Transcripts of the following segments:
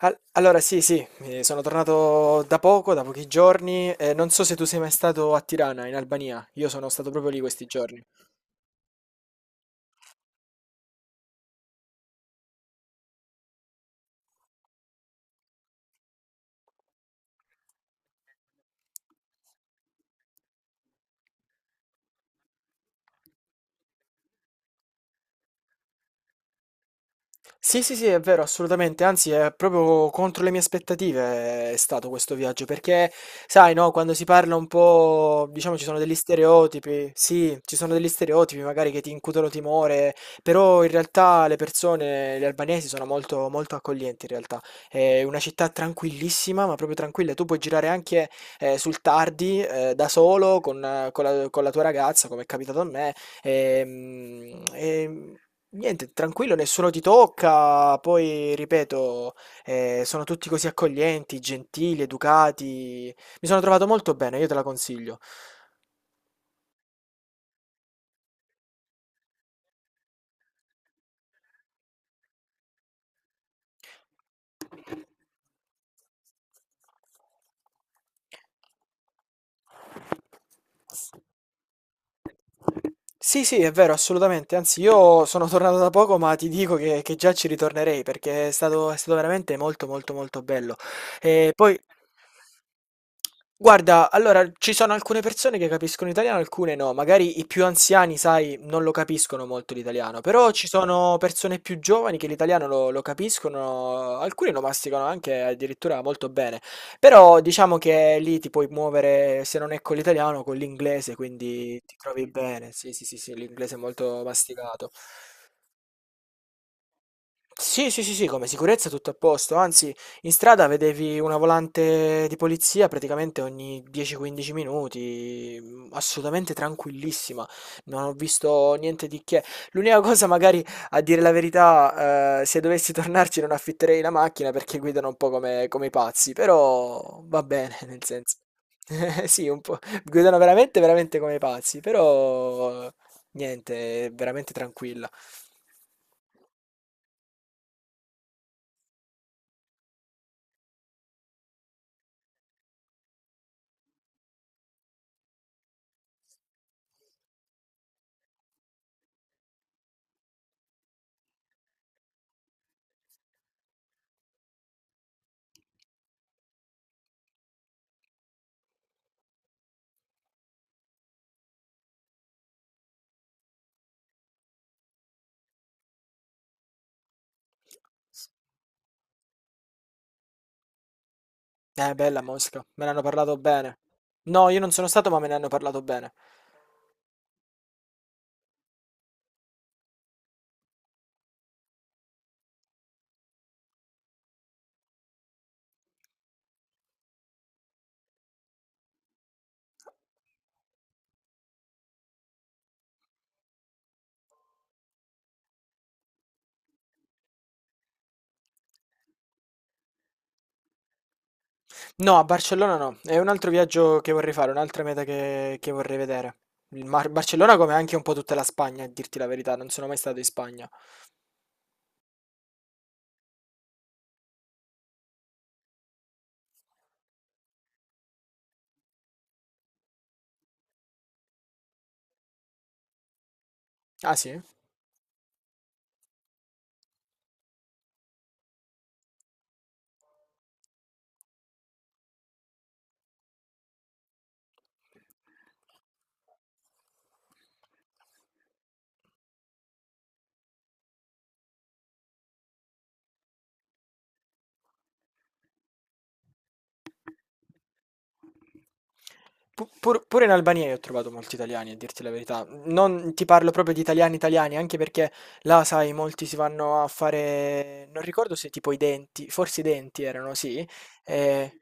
Allora, sì, sì, sono tornato da poco, da pochi giorni. Non so se tu sei mai stato a Tirana, in Albania. Io sono stato proprio lì questi giorni. Sì, sì, sì, è vero, assolutamente, anzi è proprio contro le mie aspettative è stato questo viaggio, perché sai, no, quando si parla un po', diciamo ci sono degli stereotipi, sì, ci sono degli stereotipi magari che ti incutono timore, però in realtà le persone, gli albanesi sono molto, molto accoglienti in realtà, è una città tranquillissima, ma proprio tranquilla, tu puoi girare anche sul tardi, da solo, con la tua ragazza, come è capitato a me, Ehm, ehm, niente, tranquillo, nessuno ti tocca. Poi, ripeto, sono tutti così accoglienti, gentili, educati. Mi sono trovato molto bene, io te la consiglio. Sì, sì, è vero, assolutamente. Anzi, io sono tornato da poco, ma ti dico che già ci ritornerei perché è stato veramente molto, molto, molto bello. E poi. Guarda, allora ci sono alcune persone che capiscono italiano, alcune no. Magari i più anziani, sai, non lo capiscono molto l'italiano, però ci sono persone più giovani che l'italiano lo capiscono, alcuni lo masticano anche addirittura molto bene. Però diciamo che lì ti puoi muovere, se non è con l'italiano, con l'inglese, quindi ti trovi bene. Sì, sì, sì, sì, l'inglese è molto masticato. Sì, sì, sì, sì, come sicurezza tutto a posto, anzi in strada vedevi una volante di polizia praticamente ogni 10-15 minuti, assolutamente tranquillissima, non ho visto niente di che. L'unica cosa magari, a dire la verità, se dovessi tornarci non affitterei la macchina perché guidano un po' come i pazzi, però va bene, nel senso. Sì, un po', guidano veramente, veramente come i pazzi, però niente, è veramente tranquilla. Bella Mosca, me ne hanno parlato bene. No, io non sono stato, ma me ne hanno parlato bene. No, a Barcellona no, è un altro viaggio che vorrei fare, un'altra meta che vorrei vedere. Barcellona, come anche un po' tutta la Spagna, a dirti la verità, non sono mai stato in Spagna. Ah sì? Pure in Albania io ho trovato molti italiani, a dirti la verità. Non ti parlo proprio di italiani italiani, anche perché là, sai, molti si vanno a fare... Non ricordo se tipo i denti, forse i denti erano, sì. Eh,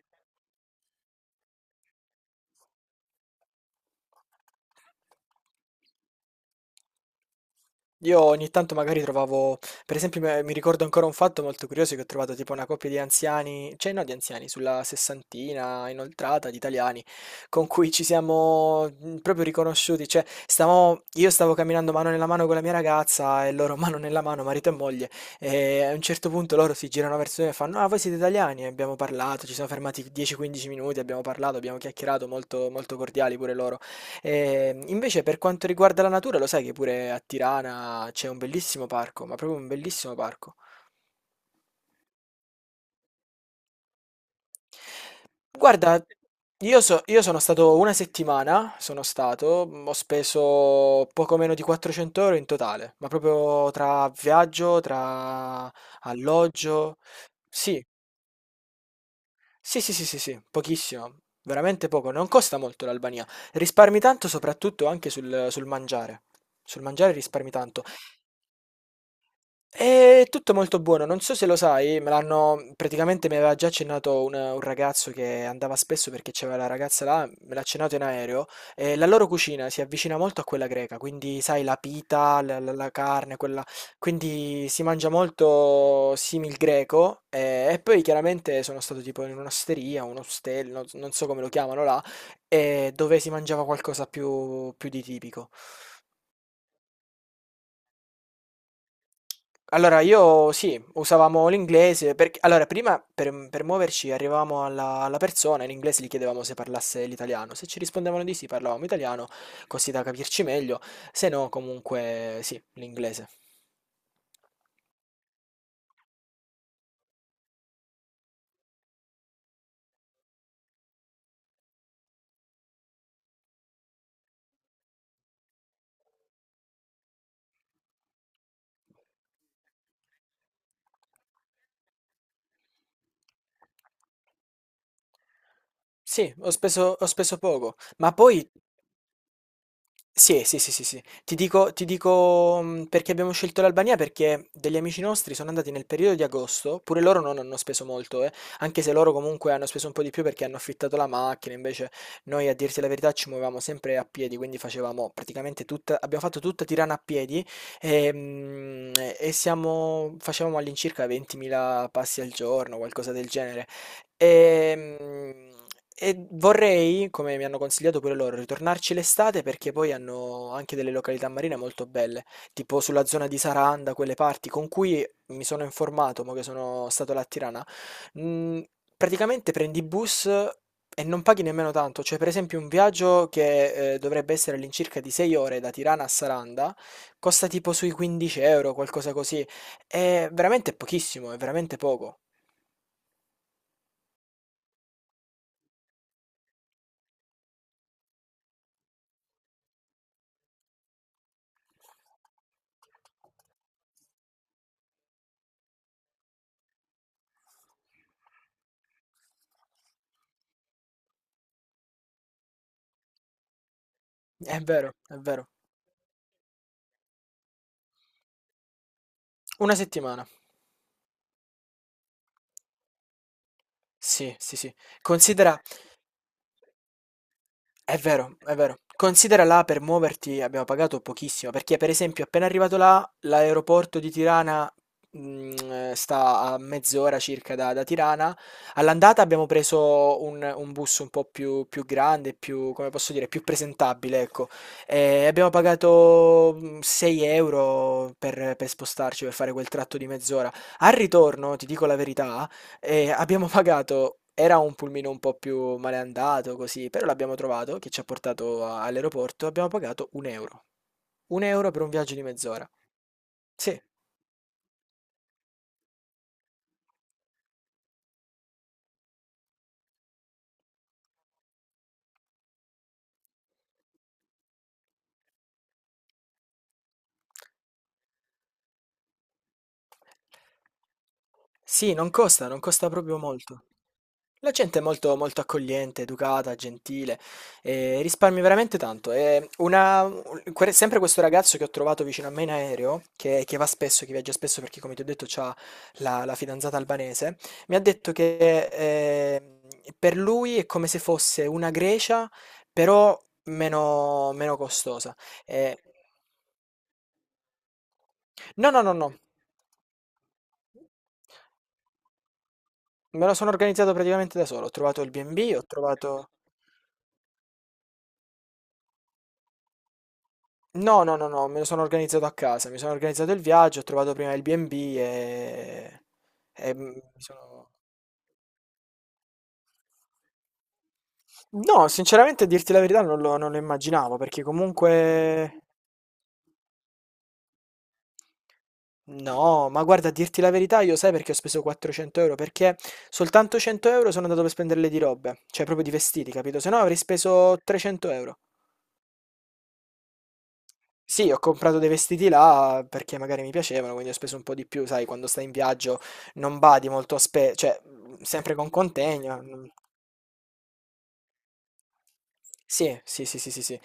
io ogni tanto magari trovavo, per esempio mi ricordo ancora un fatto molto curioso che ho trovato tipo una coppia di anziani, cioè no di anziani, sulla sessantina inoltrata di italiani, con cui ci siamo proprio riconosciuti, cioè stavamo, io stavo camminando mano nella mano con la mia ragazza e loro mano nella mano, marito e moglie, e a un certo punto loro si girano verso me e fanno, ah voi siete italiani? E abbiamo parlato, ci siamo fermati 10-15 minuti, abbiamo parlato, abbiamo chiacchierato, molto, molto cordiali pure loro. Invece per quanto riguarda la natura, lo sai che pure a Tirana c'è un bellissimo parco, ma proprio un bellissimo parco. Guarda, io sono stato una settimana, sono stato, ho speso poco meno di 400 euro in totale, ma proprio tra viaggio, tra alloggio. Sì, sì, sì, sì, sì, sì, pochissimo, veramente poco, non costa molto l'Albania. Risparmi tanto soprattutto anche sul mangiare. Sul mangiare risparmi tanto. È tutto molto buono, non so se lo sai, me l'hanno praticamente mi aveva già accennato un ragazzo che andava spesso perché c'era la ragazza là, me l'ha accennato in aereo, e la loro cucina si avvicina molto a quella greca, quindi sai la pita, la carne, quella, quindi si mangia molto simil greco e poi chiaramente sono stato tipo in un'osteria, un ostello, non so come lo chiamano là, e dove si mangiava qualcosa più di tipico. Allora, io sì, usavamo l'inglese, perché allora prima per muoverci arrivavamo alla persona, in inglese gli chiedevamo se parlasse l'italiano, se ci rispondevano di sì parlavamo italiano, così da capirci meglio, se no comunque sì, l'inglese. Sì, ho speso poco, ma poi sì, sì, sì, sì, sì. Ti dico, perché abbiamo scelto l'Albania, perché degli amici nostri sono andati nel periodo di agosto, pure loro non hanno speso molto, anche se loro comunque hanno speso un po' di più perché hanno affittato la macchina, invece noi a dirti la verità ci muovevamo sempre a piedi, quindi facevamo praticamente tutta, abbiamo fatto tutta Tirana a piedi e, mh, e siamo, facevamo all'incirca 20.000 passi al giorno, qualcosa del genere. Ehm, E, vorrei, come mi hanno consigliato pure loro, ritornarci l'estate perché poi hanno anche delle località marine molto belle, tipo sulla zona di Saranda, quelle parti con cui mi sono informato, mo che sono stato là a Tirana. Mm, praticamente prendi bus e non paghi nemmeno tanto, cioè per esempio un viaggio che dovrebbe essere all'incirca di 6 ore da Tirana a Saranda costa tipo sui 15 euro, qualcosa così. È veramente pochissimo, è veramente poco. È vero, è vero. Una settimana. Sì, sì, sì. Considera è vero, è vero. Considera là per muoverti abbiamo pagato pochissimo, perché per esempio appena arrivato là, l'aeroporto di Tirana mm, sta a mezz'ora circa da Tirana. All'andata abbiamo preso un bus un po' più, più grande, più, come posso dire, più presentabile, ecco. E abbiamo pagato 6 euro per spostarci, per fare quel tratto di mezz'ora. Al ritorno, ti dico la verità, e abbiamo pagato, era un pulmino un po' più maleandato così, però l'abbiamo trovato, che ci ha portato all'aeroporto, abbiamo pagato un euro. Un euro per un viaggio di mezz'ora. Sì, sì, non costa, non costa proprio molto. La gente è molto, molto accogliente, educata, gentile, e risparmi veramente tanto. E sempre questo ragazzo che ho trovato vicino a me in aereo, che va spesso, che viaggia spesso perché, come ti ho detto, ha la fidanzata albanese, mi ha detto che per lui è come se fosse una Grecia, però meno, meno costosa. Eh, no, no, no, no. Me lo sono organizzato praticamente da solo, ho trovato il B&B, ho trovato... No, no, no, no, me lo sono organizzato a casa, mi sono organizzato il viaggio, ho trovato prima il B&B e... e mi sono... No, sinceramente a dirti la verità non lo immaginavo, perché comunque... No, ma guarda, a dirti la verità, io sai perché ho speso 400 euro, perché soltanto 100 euro sono andato per spenderle di robe, cioè proprio di vestiti, capito? Se no avrei speso 300 euro. Sì, ho comprato dei vestiti là perché magari mi piacevano, quindi ho speso un po' di più, sai, quando stai in viaggio non badi molto a cioè sempre con contegno. Mm. Sì, sì, sì, sì, sì, sì. Eh,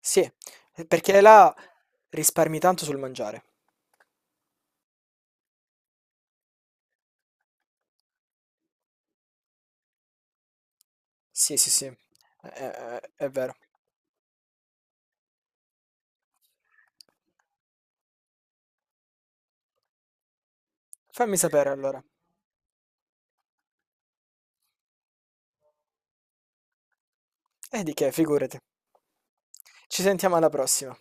sì, perché là risparmi tanto sul mangiare. Sì, sì, sì, è vero. Fammi sapere allora. E di che, figurati. Ci sentiamo alla prossima.